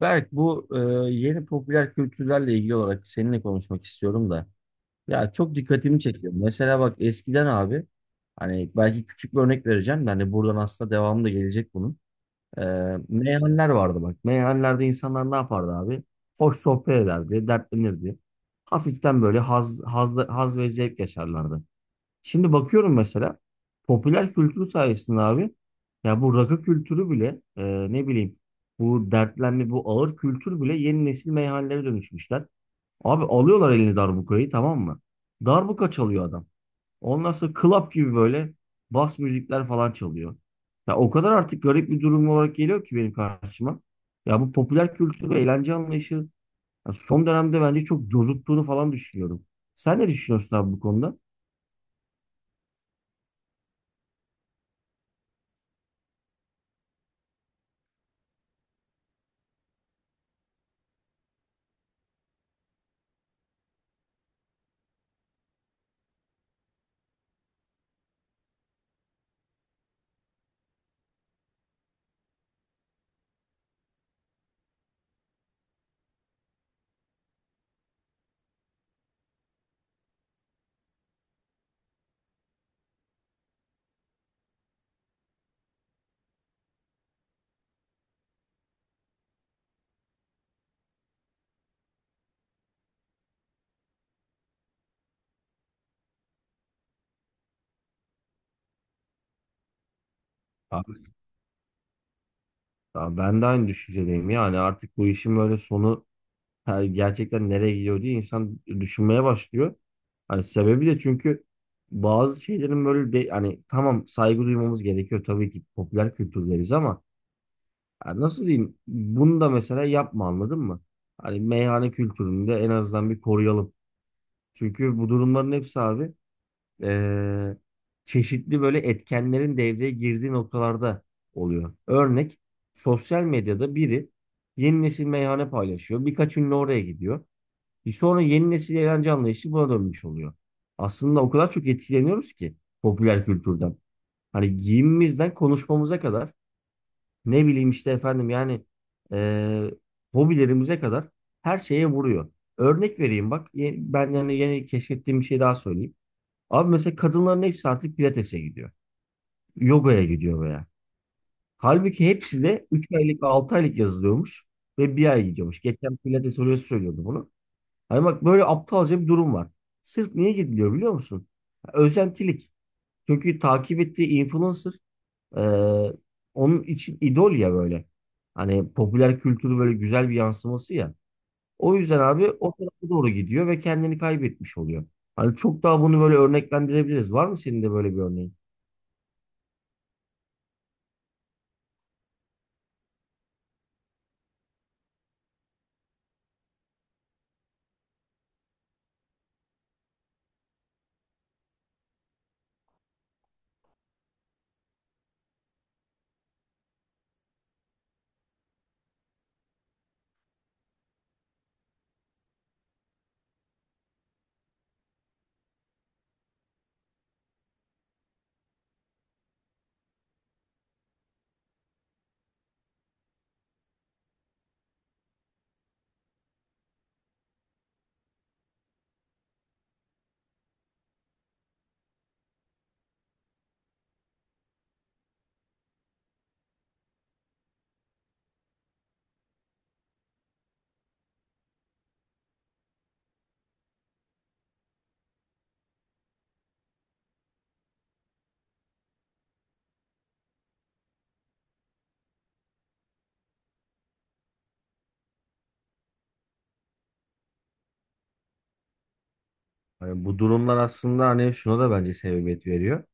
Berk, bu yeni popüler kültürlerle ilgili olarak seninle konuşmak istiyorum da. Ya çok dikkatimi çekiyor. Mesela bak eskiden abi hani belki küçük bir örnek vereceğim de hani buradan aslında devamı da gelecek bunun. E, Meyhaneler vardı bak. Meyhanelerde insanlar ne yapardı abi? Hoş sohbet ederdi, dertlenirdi. Hafiften böyle haz, haz, haz ve zevk yaşarlardı. Şimdi bakıyorum mesela popüler kültür sayesinde abi ya bu rakı kültürü bile ne bileyim bu dertlenme bu ağır kültür bile yeni nesil meyhanelere dönüşmüşler. Abi alıyorlar eline darbukayı, tamam mı? Darbuka çalıyor adam. Ondan sonra club gibi böyle bas müzikler falan çalıyor. Ya o kadar artık garip bir durum olarak geliyor ki benim karşıma. Ya bu popüler kültür ve eğlence anlayışı ya son dönemde bence çok cozuttuğunu falan düşünüyorum. Sen ne düşünüyorsun abi bu konuda? Ya ben de aynı düşüncedeyim yani artık bu işin böyle sonu gerçekten nereye gidiyor diye insan düşünmeye başlıyor. Hani sebebi de çünkü bazı şeylerin böyle de, hani tamam saygı duymamız gerekiyor tabii ki popüler kültürleriz ama ya nasıl diyeyim bunu da mesela yapma, anladın mı? Hani meyhane kültürünü de en azından bir koruyalım. Çünkü bu durumların hepsi abi e, çeşitli böyle etkenlerin devreye girdiği noktalarda oluyor. Örnek, sosyal medyada biri yeni nesil meyhane paylaşıyor. Birkaç ünlü oraya gidiyor. Bir sonra yeni nesil eğlence anlayışı buna dönmüş oluyor. Aslında o kadar çok etkileniyoruz ki popüler kültürden. Hani giyimimizden konuşmamıza kadar ne bileyim işte efendim yani e, hobilerimize kadar her şeye vuruyor. Örnek vereyim bak. Ben yani yeni keşfettiğim bir şey daha söyleyeyim. Abi mesela kadınların hepsi artık pilatese gidiyor. Yogaya gidiyor veya. Halbuki hepsi de 3 aylık 6 aylık yazılıyormuş ve bir ay gidiyormuş. Geçen pilates hocası söylüyordu bunu. Hani bak böyle aptalca bir durum var. Sırf niye gidiliyor biliyor musun? Özentilik. Çünkü takip ettiği influencer e, onun için idol ya böyle. Hani popüler kültürü böyle güzel bir yansıması ya. O yüzden abi o tarafa doğru gidiyor ve kendini kaybetmiş oluyor. Hani çok daha bunu böyle örneklendirebiliriz. Var mı senin de böyle bir örneğin? Hani bu durumlar aslında hani şuna da bence sebebiyet veriyor.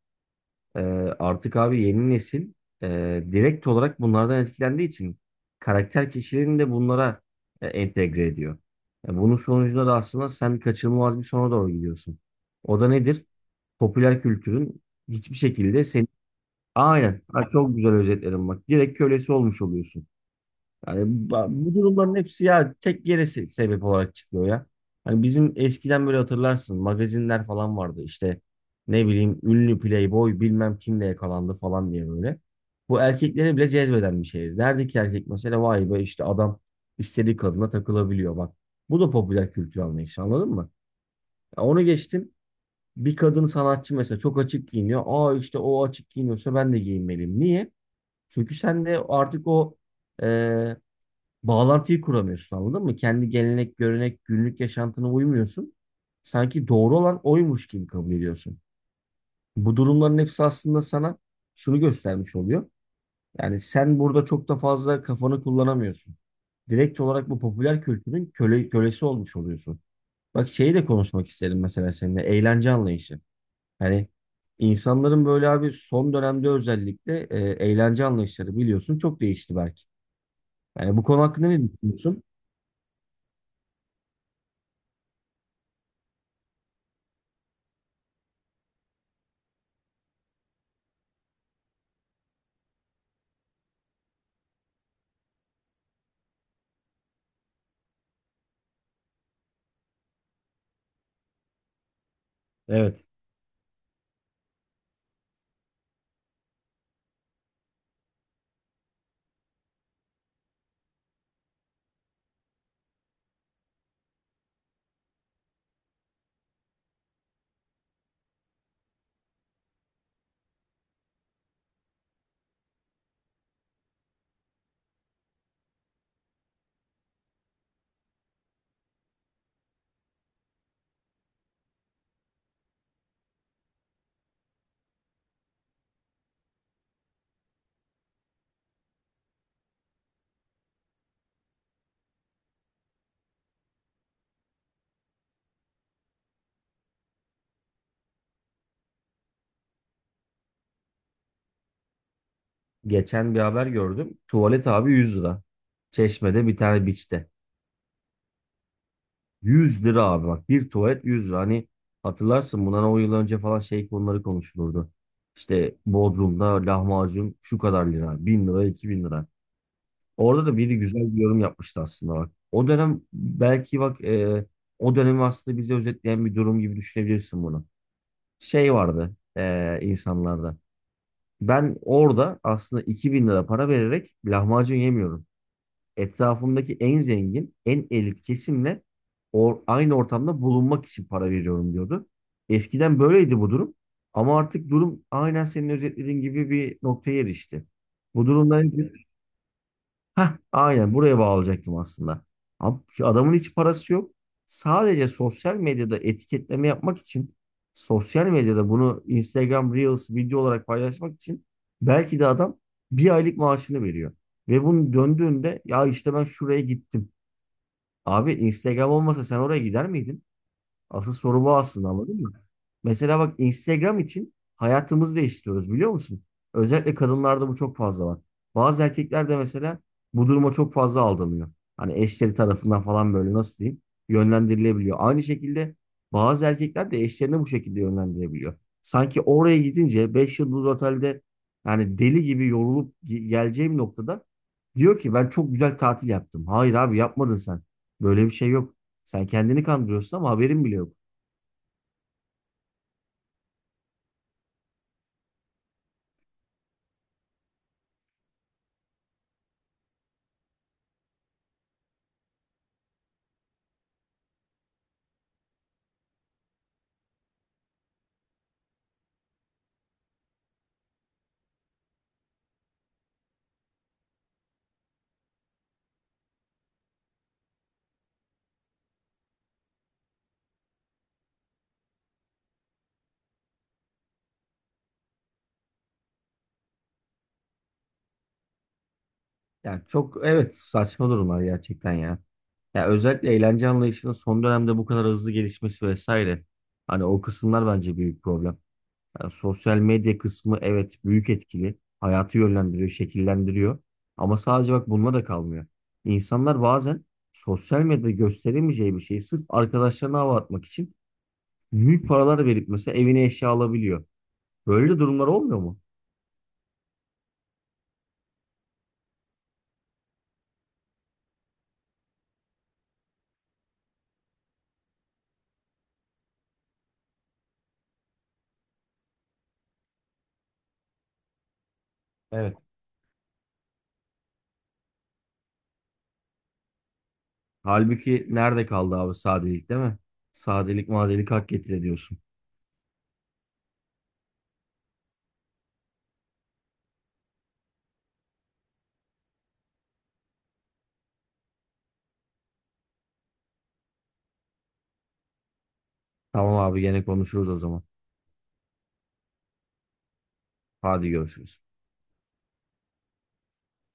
Ee, Artık abi yeni nesil direkt olarak bunlardan etkilendiği için karakter kişilerini de bunlara entegre ediyor. Bunun sonucunda da aslında sen kaçınılmaz bir sona doğru gidiyorsun. O da nedir? Popüler kültürün hiçbir şekilde seni... Aynen. Ha, çok güzel özetledim bak. Direkt kölesi olmuş oluyorsun. Yani bu durumların hepsi ya tek yere sebep olarak çıkıyor ya. Hani bizim eskiden böyle hatırlarsın magazinler falan vardı işte ne bileyim ünlü playboy bilmem kimle yakalandı falan diye böyle. Bu erkekleri bile cezbeden bir şeydi. Derdi ki erkek mesela vay be işte adam istediği kadına takılabiliyor bak. Bu da popüler kültür anlayışı, anladın mı? Ya onu geçtim. Bir kadın sanatçı mesela çok açık giyiniyor. Aa işte o açık giyiniyorsa ben de giyinmeliyim. Niye? Çünkü sen de artık o bağlantıyı kuramıyorsun, anladın mı? Kendi gelenek, görenek, günlük yaşantına uymuyorsun. Sanki doğru olan oymuş gibi kabul ediyorsun. Bu durumların hepsi aslında sana şunu göstermiş oluyor. Yani sen burada çok da fazla kafanı kullanamıyorsun. Direkt olarak bu popüler kültürün kölesi olmuş oluyorsun. Bak şeyi de konuşmak isterim mesela seninle. Eğlence anlayışı. Hani insanların böyle abi son dönemde özellikle eğlence anlayışları biliyorsun çok değişti belki. Yani bu konu hakkında ne düşünüyorsun? Evet. Geçen bir haber gördüm. Tuvalet abi 100 lira. Çeşme'de bir tane beach'te. 100 lira abi bak, bir tuvalet 100 lira. Hani hatırlarsın bundan 10 yıl önce falan şey konuları konuşulurdu. İşte Bodrum'da lahmacun şu kadar lira. 1.000 lira, 2.000 lira. Orada da biri güzel bir yorum yapmıştı aslında bak. O dönem belki bak o dönemi aslında bize özetleyen bir durum gibi düşünebilirsin bunu. Şey vardı insanlarda. Ben orada aslında 2.000 lira para vererek lahmacun yemiyorum. Etrafımdaki en zengin, en elit kesimle aynı ortamda bulunmak için para veriyorum diyordu. Eskiden böyleydi bu durum. Ama artık durum aynen senin özetlediğin gibi bir noktaya erişti. Bu durumdan... Heh, aynen buraya bağlayacaktım aslında. Abi, adamın hiç parası yok. Sadece sosyal medyada etiketleme yapmak için, sosyal medyada bunu Instagram Reels video olarak paylaşmak için belki de adam bir aylık maaşını veriyor. Ve bunun döndüğünde ya işte ben şuraya gittim. Abi Instagram olmasa sen oraya gider miydin? Asıl soru bu aslında, anladın mı? Mesela bak Instagram için hayatımızı değiştiriyoruz, biliyor musun? Özellikle kadınlarda bu çok fazla var. Bazı erkekler de mesela bu duruma çok fazla aldanıyor. Hani eşleri tarafından falan böyle nasıl diyeyim yönlendirilebiliyor. Aynı şekilde bazı erkekler de eşlerini bu şekilde yönlendirebiliyor. Sanki oraya gidince 5 yıldız otelde yani deli gibi yorulup geleceğim noktada diyor ki ben çok güzel tatil yaptım. Hayır abi yapmadın sen. Böyle bir şey yok. Sen kendini kandırıyorsun ama haberin bile yok. Yani çok evet, saçma durumlar gerçekten ya. Ya özellikle eğlence anlayışının son dönemde bu kadar hızlı gelişmesi vesaire. Hani o kısımlar bence büyük problem. Yani sosyal medya kısmı evet büyük etkili. Hayatı yönlendiriyor, şekillendiriyor. Ama sadece bak bununla da kalmıyor. İnsanlar bazen sosyal medyada gösteremeyeceği bir şeyi sırf arkadaşlarına hava atmak için büyük paralar verip mesela evine eşya alabiliyor. Böyle durumlar olmuyor mu? Evet. Halbuki nerede kaldı abi sadelik, değil mi? Sadelik madelik hak getire diyorsun. Tamam abi gene konuşuruz o zaman. Hadi görüşürüz.